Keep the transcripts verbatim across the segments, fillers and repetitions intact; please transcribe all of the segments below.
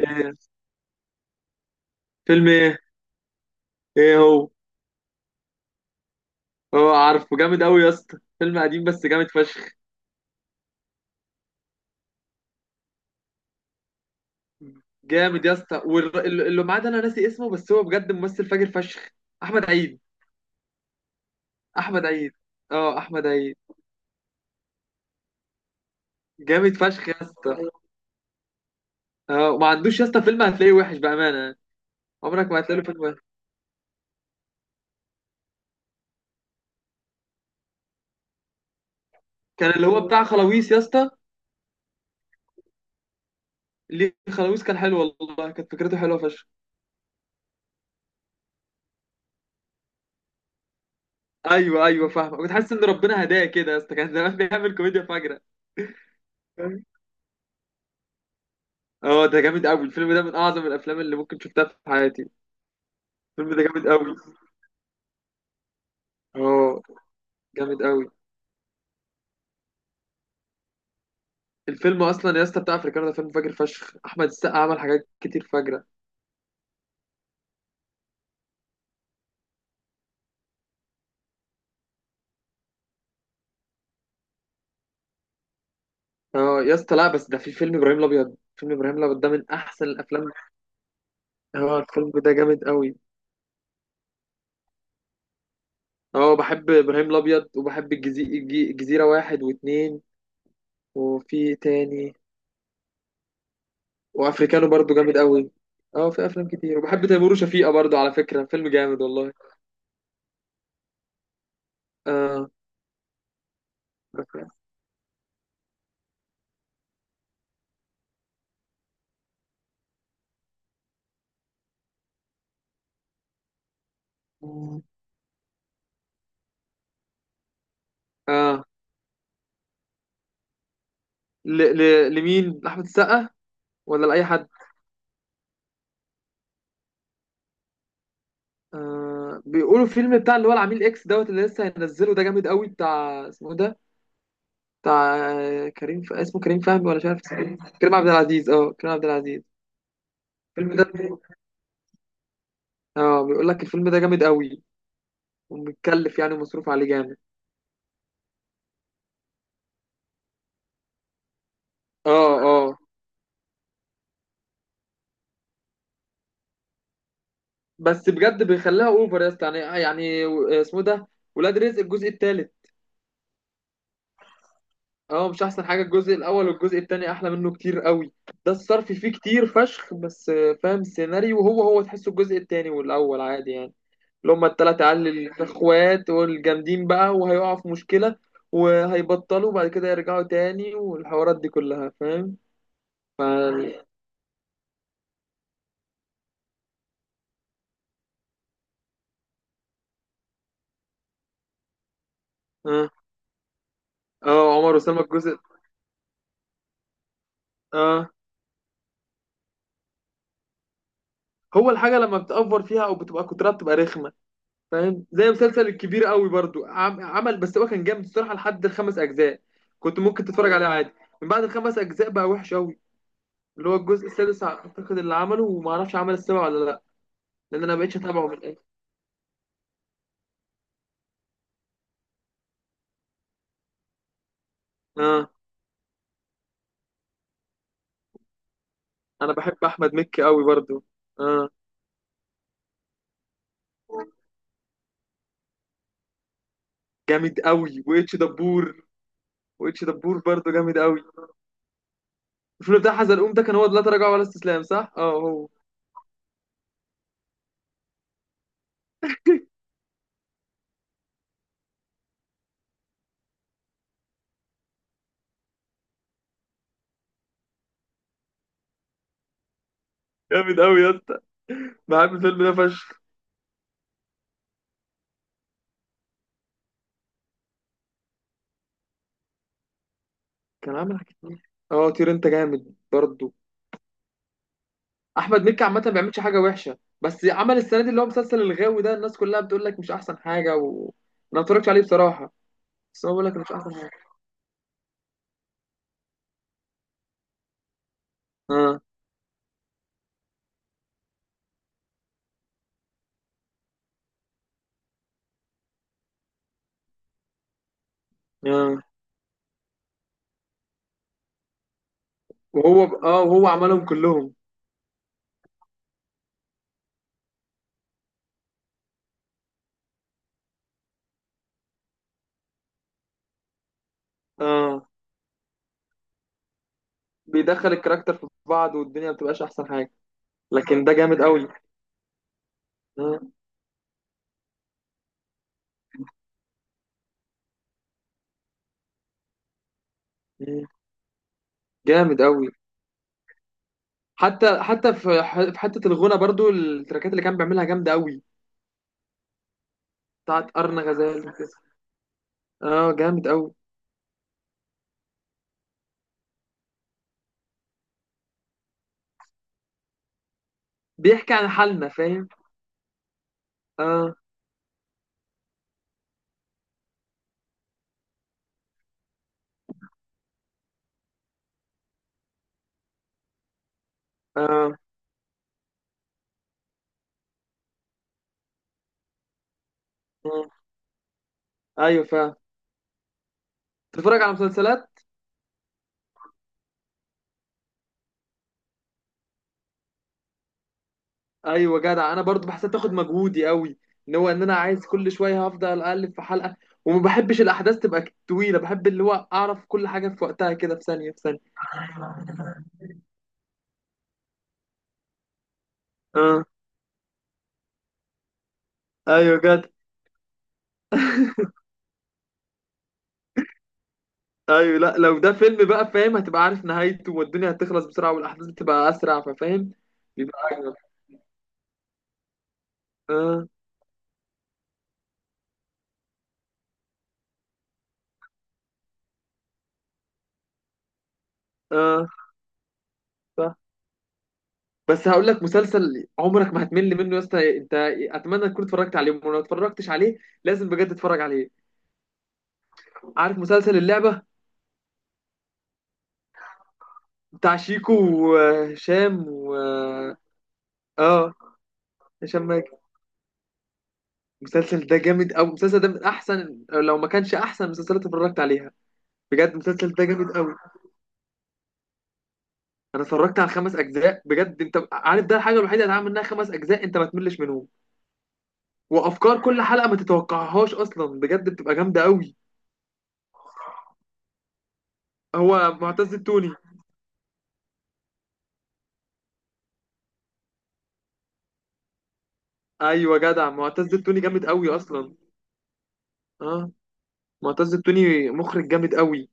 ايه. فيلم ايه؟ ايه هو؟ هو عارفه جامد قوي يا اسطى، فيلم قديم بس جامد فشخ. جامد يا اسطى، والر- اللي اللي معاه ده انا ناسي اسمه، بس هو بجد ممثل فاجر فشخ. احمد عيد. احمد عيد. اه احمد عيد. جامد فشخ يا اسطى. اه وما عندوش يا اسطى فيلم هتلاقيه وحش بامانه. عمرك ما هتلاقي له فيلم وحش. كان اللي هو بتاع خلاويص يا اسطى. ليه خلاويص كان حلو والله، كانت فكرته حلوه فشخ. ايوه ايوه فاهمه، كنت حاسس ان ربنا هداه كده يا اسطى، كان زمان بيعمل كوميديا فجره. اه ده جامد قوي الفيلم ده، من اعظم الافلام اللي ممكن شفتها في حياتي. الفيلم ده جامد قوي. اه. جامد قوي. الفيلم اصلا يا اسطى بتاع افريكانو ده فيلم فاجر فشخ، احمد السقا عمل حاجات كتير فاجره. اه يا اسطى، لا بس ده في فيلم ابراهيم الابيض، فيلم ابراهيم الابيض ده من احسن الافلام. اه الفيلم ده جامد قوي. اه بحب ابراهيم الابيض وبحب الجزي... الج- الجزيره واحد واتنين، وفي تاني، وافريكانو برضو جامد قوي. اه في افلام كتير، وبحب تيمور وشفيقة برضو، على فكره فيلم جامد والله. اه. اه. ل... ل... لمين؟ لأحمد السقا ولا لأي حد؟ آه... بيقولوا فيلم بتاع اللي هو العميل اكس دوت اللي لسه هينزله ده جامد قوي، بتاع اسمه ده. بتاع آه، كريم ف... اسمه كريم فهمي ولا مش عارف اسمه إيه؟ كريم عبد العزيز. اه كريم عبد العزيز. الفيلم ده، اه بيقول لك الفيلم ده جامد قوي، ومتكلف يعني ومصروف عليه جامد. اه. اه. بس بجد بيخليها اوفر يا اسطى، يعني يعني آه، اسمه ده ولاد رزق الجزء الثالث. اه مش احسن حاجه، الجزء الاول والجزء التاني احلى منه كتير قوي. ده الصرف فيه كتير فشخ، بس آه، فاهم السيناريو هو هو تحسه الجزء التاني والاول عادي يعني. اللي هما التلات عيال الاخوات والجامدين بقى وهيقعوا في مشكله، وهيبطلوا وبعد كده يرجعوا تاني، والحوارات دي كلها فاهم. ف اه. اه عمر وسلمى الجزء. اه هو الحاجه لما بتأفور فيها او بتبقى كترها بتبقى رخمه. فاهم، زي مسلسل الكبير قوي برضو عم- عمل، بس هو كان جامد الصراحه لحد الخمس اجزاء، كنت ممكن تتفرج عليه عادي. من بعد الخمس اجزاء بقى وحش قوي. اللي هو الجزء السادس اعتقد اللي عمله، وما اعرفش عمل السابع ولا لا، لان انا ما بقتش اتابعه من الاخر. اه. انا بحب احمد مكي قوي برضو. اه جامد قوي واتش دبور. واتش دبور برضو جامد قوي. الفيلم بتاع حزلقوم ده كان هو لا تراجع ولا استسلام، صح اه هو. جامد قوي يا اسطى، بحب الفيلم ده فشخ. كان عامل حاجات كتير. اه طير انت جامد برضو. احمد مكي عامه ما بيعملش حاجه وحشه، بس عمل السنه دي اللي هو مسلسل الغاوي ده الناس كلها بتقول لك مش احسن حاجه و... انا ما اتفرجتش عليه بصراحه. بس هو بيقول لك مش احسن حاجه. اه. اه. وهو ب... اه وهو عملهم كلهم. اه بيدخل الكاركتر في بعض والدنيا ما بتبقاش احسن حاجه. لكن ده جامد قوي. اه. آه. جامد قوي. حتى حتى في ح- في حته الغنى برضو التراكات اللي كان بيعملها جامده قوي. بتاعت ارن غزال وكده. اه جامد قوي. بيحكي عن حالنا فاهم. اه. اه. آه. ايوه فاهم. تتفرج على مسلسلات؟ ايوه جدع، انا برضو بحسها تاخد مجهودي قوي. ان هو ان انا عايز كل شويه هفضل اقلب في حلقه، وما بحبش الاحداث تبقى طويله، بحب اللي هو اعرف كل حاجه في وقتها كده، في ثانيه في ثانيه. اه. ايوه جدع. ايوه لا، لو ده فيلم بقى فاهم هتبقى عارف نهايته، والدنيا هتخلص بسرعه والاحداث بتبقى اسرع، ففاهم. بيبقى اجمل. اه. اه. صح. بس هقول لك مسلسل عمرك ما هتمل منه يا اسطى، إيه، انت اتمنى تكون اتفرجت عليه، ولو ما اتفرجتش عليه لازم بجد تتفرج عليه. عارف مسلسل اللعبة؟ بتاع شيكو وهشام و اه، آه، هشام ماجد. المسلسل ده جامد أوي. المسلسل ده من أحسن، لو ما كانش أحسن مسلسلات اتفرجت عليها. بجد المسلسل ده جامد أوي. أنا اتفرجت على خمس أجزاء بجد، أنت عارف ده الحاجة الوحيدة اللي هتعمل منها خمس أجزاء أنت ما تملش منهم. وأفكار كل حلقة ما تتوقعهاش أصلا، بجد بتبقى جامدة أوي. هو معتز التوني. أيوة جدع، معتز التوني جامد أوي أصلا. اه معتز التوني مخرج جامد أوي.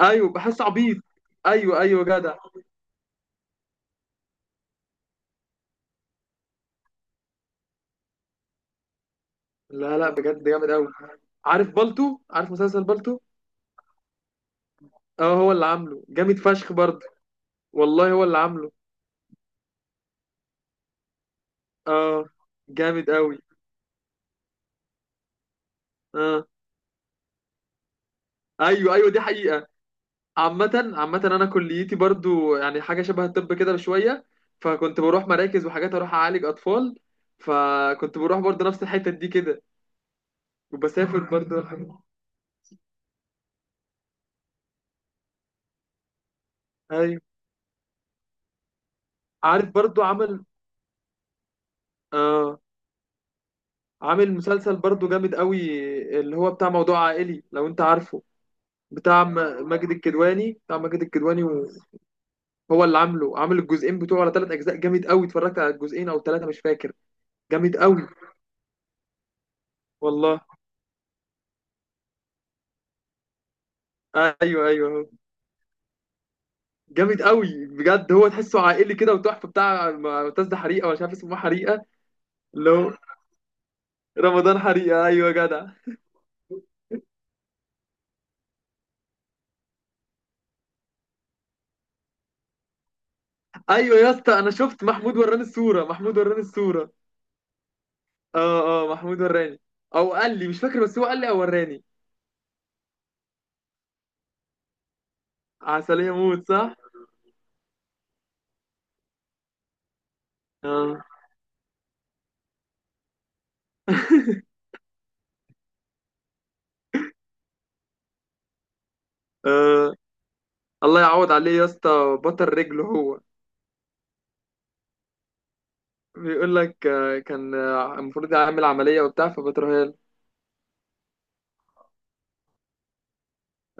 أيوة بحس عبيط. أيوة أيوة جدع. لا لا بجد جامد قوي. عارف بالتو عارف مسلسل بالتو. اه هو اللي عامله جامد فشخ برضه. والله هو اللي عامله. اه. جامد قوي. اه. ايوه ايوه دي حقيقة. عامة عامة انا كليتي برضه يعني حاجة شبه الطب كده بشوية، فكنت بروح مراكز وحاجات اروح اعالج اطفال. فكنت بروح برضه نفس الحتة دي كده، وبسافر برضه الحاجات. ايوه. عارف برضه عمل. اه عامل مسلسل برضه جامد قوي، اللي هو بتاع موضوع عائلي، لو انت عارفه. بتاع م- ماجد الكدواني، بتاع ماجد الكدواني و-. هو اللي عامله، عامل الجزئين بتوعه ولا ثلاث اجزاء جامد قوي. اتفرجت على الجزئين او ثلاثه مش فاكر. جامد قوي والله. ايوه ايوه هو. جامد قوي بجد، هو تحسه عائلي كده وتحفه. بتاع معتز ده حريقه ولا مش عارف اسمه حريقه؟ اللي هو رمضان حريقه ايوه يا جدع. ايوه يا اسطى، انا شفت محمود وراني الصوره، محمود وراني الصوره. اه اه محمود وراني. او قال لي مش فاكر، بس هو قال لي او وراني. عسليه موت صح. اه. الله يعوض عليه يا اسطى، بطل رجله هو. بيقول لك آه، كان آه، المفروض يعمل عملية وبتاع فبترها له.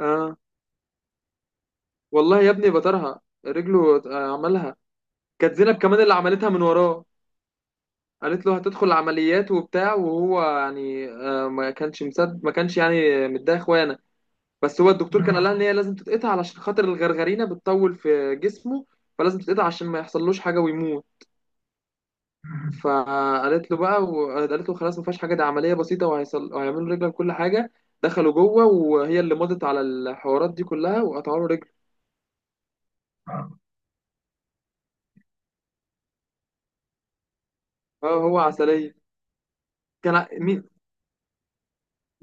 اه والله يا ابني بطرها. رجله آه، عملها. كانت زينب كمان اللي عملتها من وراه، قالت له هتدخل عمليات وبتاع، وهو يعني آه، ما كانش مصدق، ما كانش يعني متضايق اخوانا. بس هو الدكتور كان قال مم. لها ان هي لازم تتقطع علشان خاطر الغرغرينة بتطول في جسمه، فلازم تتقطع عشان ما يحصلوش حاجة ويموت. فقالت له بقى وقالت له خلاص ما فيهاش حاجه، ده عمليه بسيطه وهيصل... وهيعملوا رجلك كل حاجه. دخلوا جوه وهي اللي مضت على الحوارات دي كلها، وقطعوا له رجله. اه هو عسليه. كان ع- مين؟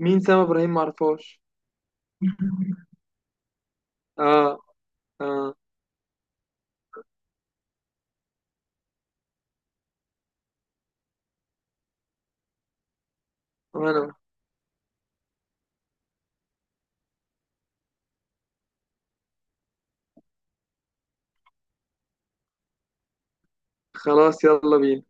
مين سام ابراهيم؟ ما اعرفهاش. اه. اه وانا. خلاص يلا بينا.